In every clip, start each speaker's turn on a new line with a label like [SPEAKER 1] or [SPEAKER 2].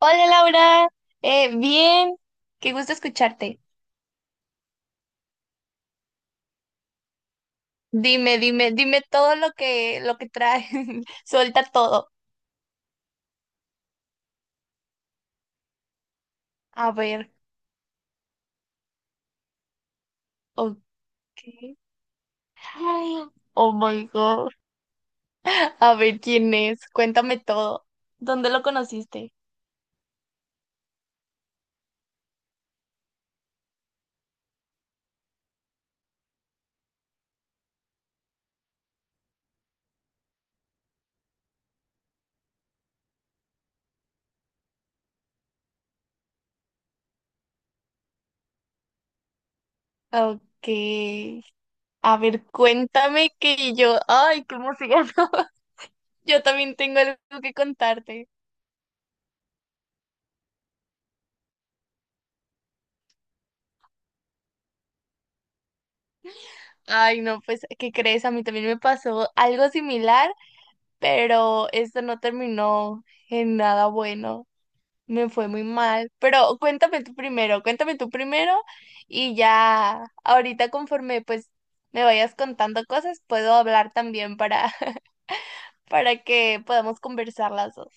[SPEAKER 1] Hola Laura, bien, qué gusto escucharte. Dime todo lo que trae, suelta todo. A ver, ok. Ay, oh my God. A ver quién es, cuéntame todo. ¿Dónde lo conociste? Ok. A ver, cuéntame que yo, ay, qué emoción. Yo también tengo algo que contarte. Ay, no, pues, ¿qué crees? A mí también me pasó algo similar, pero esto no terminó en nada bueno. Me fue muy mal. Pero cuéntame tú primero, y ya ahorita conforme pues me vayas contando cosas, puedo hablar también para que podamos conversar las dos.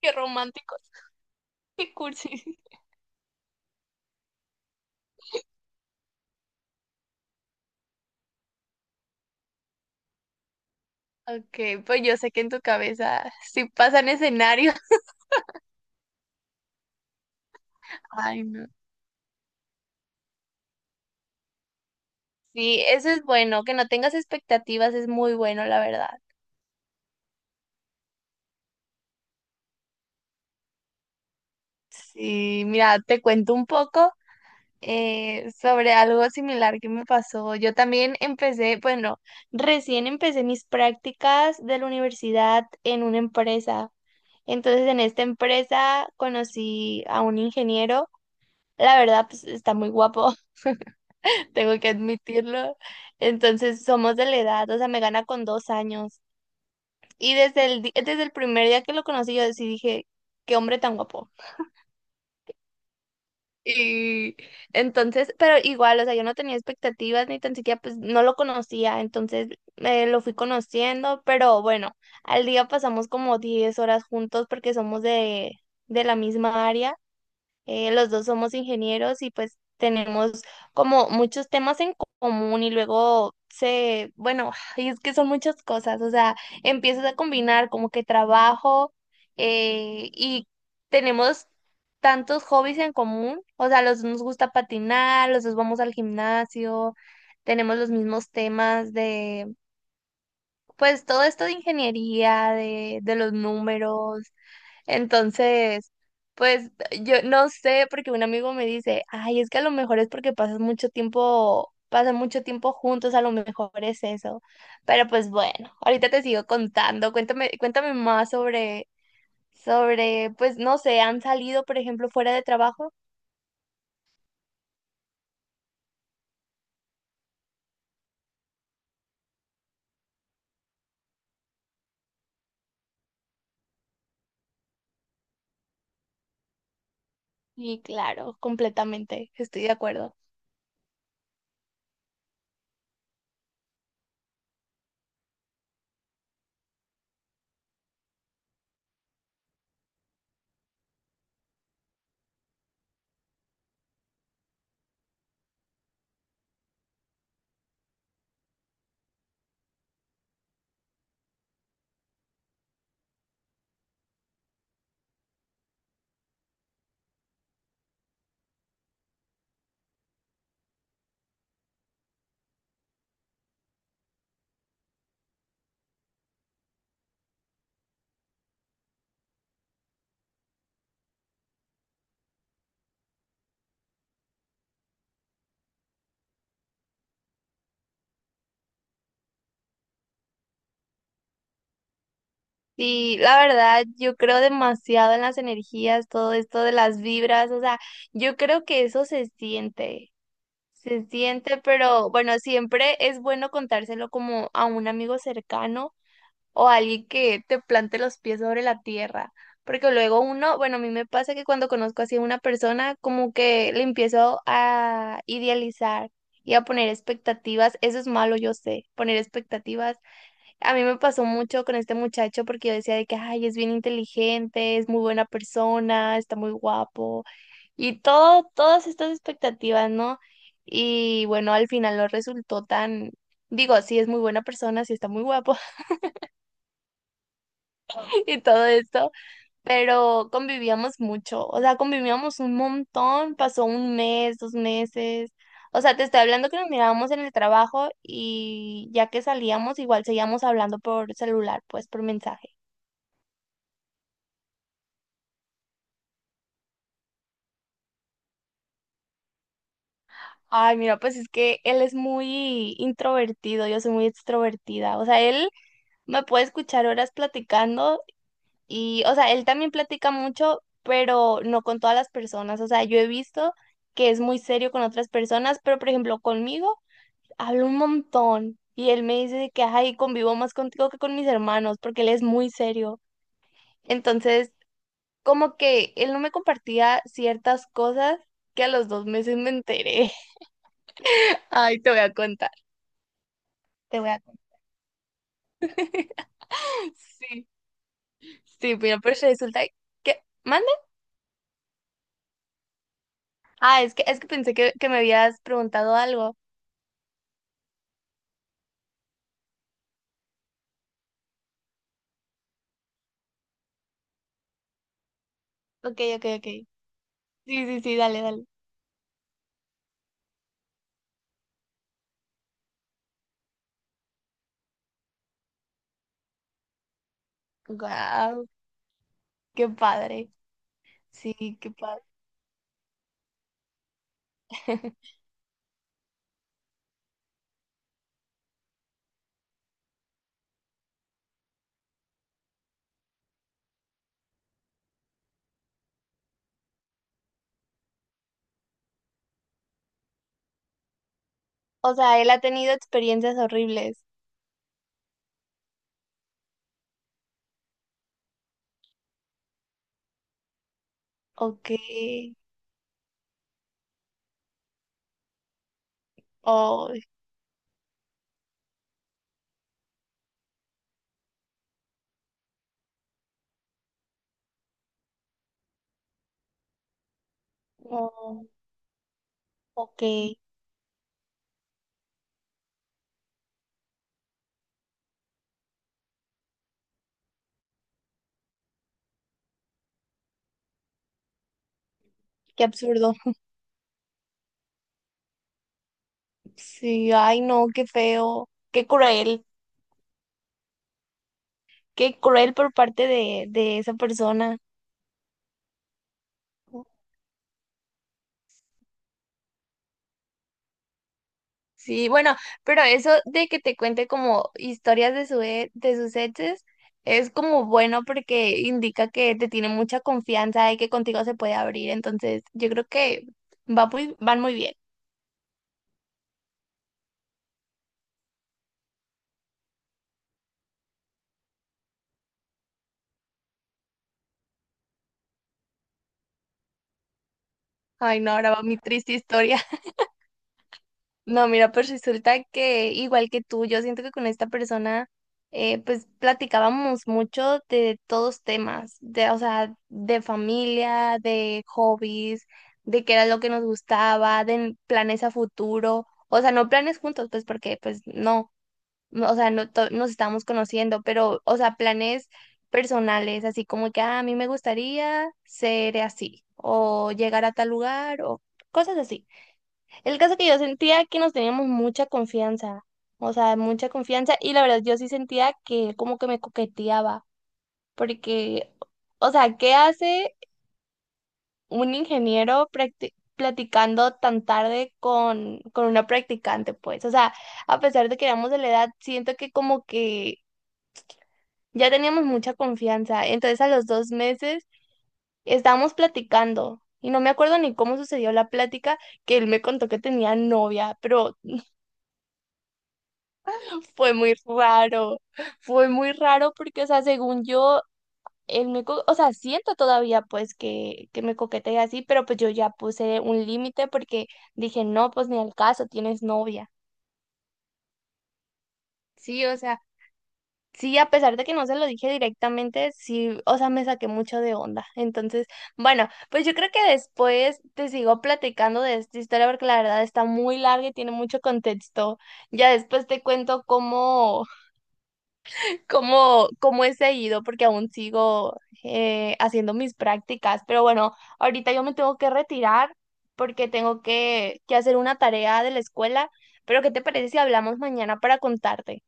[SPEAKER 1] Qué románticos, qué cursi. Ok, pues yo sé que en tu cabeza sí pasan escenarios. Ay, no. Sí, eso es bueno, que no tengas expectativas es muy bueno, la verdad. Sí, mira, te cuento un poco sobre algo similar que me pasó. Yo también empecé, bueno, recién empecé mis prácticas de la universidad en una empresa. Entonces, en esta empresa conocí a un ingeniero. La verdad, pues está muy guapo, tengo que admitirlo. Entonces, somos de la edad, o sea, me gana con 2 años. Y desde desde el primer día que lo conocí, yo sí dije, qué hombre tan guapo. Y entonces, pero igual, o sea, yo no tenía expectativas ni tan siquiera, pues no lo conocía, entonces lo fui conociendo, pero bueno, al día pasamos como 10 horas juntos porque somos de la misma área. Los dos somos ingenieros y pues tenemos como muchos temas común, y luego se, bueno, y es que son muchas cosas, o sea, empiezas a combinar como que trabajo y tenemos tantos hobbies en común. O sea, los dos nos gusta patinar, los dos vamos al gimnasio, tenemos los mismos temas de pues todo esto de ingeniería, de los números. Entonces, pues yo no sé, porque un amigo me dice, ay, es que a lo mejor es porque pasan mucho tiempo juntos, a lo mejor es eso. Pero pues bueno, ahorita te sigo contando, cuéntame más pues no sé, ¿han salido, por ejemplo, fuera de trabajo? Y claro, completamente, estoy de acuerdo. Sí, la verdad, yo creo demasiado en las energías, todo esto de las vibras, o sea, yo creo que eso se siente, pero bueno, siempre es bueno contárselo como a un amigo cercano o a alguien que te plante los pies sobre la tierra, porque luego uno, bueno, a mí me pasa que cuando conozco así a una persona, como que le empiezo a idealizar y a poner expectativas. Eso es malo, yo sé, poner expectativas. A mí me pasó mucho con este muchacho porque yo decía de que, ay, es bien inteligente, es muy buena persona, está muy guapo y todo, todas estas expectativas, ¿no? Y bueno, al final no resultó tan, digo, sí es muy buena persona, sí está muy guapo y todo esto, pero convivíamos mucho, o sea, convivíamos un montón, pasó un mes, dos meses. O sea, te estoy hablando que nos mirábamos en el trabajo y ya que salíamos, igual seguíamos hablando por celular, pues por mensaje. Ay, mira, pues es que él es muy introvertido, yo soy muy extrovertida. O sea, él me puede escuchar horas platicando y, o sea, él también platica mucho, pero no con todas las personas. O sea, yo he visto que es muy serio con otras personas, pero por ejemplo, conmigo habla un montón y él me dice de que, ay, convivo más contigo que con mis hermanos, porque él es muy serio. Entonces, como que él no me compartía ciertas cosas que a los 2 meses me enteré. Ay, te voy a contar, te voy a contar. Sí, sí, mira, pero pues resulta que... ¿Mande? Es que, es que pensé que me habías preguntado algo. Ok. Sí, sí, dale, dale. Wow, qué padre. Sí, qué padre. O sea, él ha tenido experiencias horribles. Ok. Oh, oh, ok. Qué absurdo. Sí, ay, no, qué feo. Qué cruel. Qué cruel por parte de esa persona. Sí, bueno, pero eso de que te cuente como historias de de sus exes es como bueno porque indica que te tiene mucha confianza y que contigo se puede abrir. Entonces yo creo que van muy bien. Ay, no, ahora va mi triste historia. No, mira, pues resulta que igual que tú, yo siento que con esta persona, pues platicábamos mucho de todos temas, o sea, de familia, de hobbies, de qué era lo que nos gustaba, de planes a futuro, o sea, no planes juntos, pues porque, o sea, no to- nos estábamos conociendo, pero, o sea, planes personales, así como que "Ah, a mí me gustaría ser así, o llegar a tal lugar, o cosas así". El caso que yo sentía que nos teníamos mucha confianza, y la verdad yo sí sentía que él como que me coqueteaba, porque, o sea, ¿qué hace un platicando tan tarde con una practicante, pues? O sea, a pesar de que éramos de la edad, siento que como que ya teníamos mucha confianza, entonces a los 2 meses estábamos platicando. Y no me acuerdo ni cómo sucedió la plática, que él me contó que tenía novia, pero fue muy raro, fue muy raro porque, o sea, según yo, o sea, siento todavía pues que me coquetea así, pero pues yo ya puse un límite porque dije, no, pues ni al caso, tienes novia. Sí, o sea, sí, a pesar de que no se lo dije directamente, sí, o sea, me saqué mucho de onda. Entonces, bueno, pues yo creo que después te sigo platicando de esta historia porque la verdad está muy larga y tiene mucho contexto. Ya después te cuento cómo he seguido, porque aún sigo haciendo mis prácticas. Pero bueno, ahorita yo me tengo que retirar porque tengo que hacer una tarea de la escuela. Pero ¿qué te parece si hablamos mañana para contarte?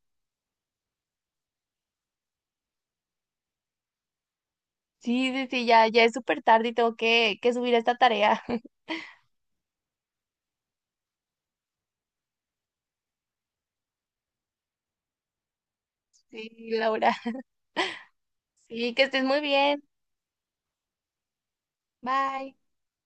[SPEAKER 1] Sí, ya, ya es súper tarde y tengo que subir esta tarea. Sí, Laura. Sí, que estés muy bien. Bye.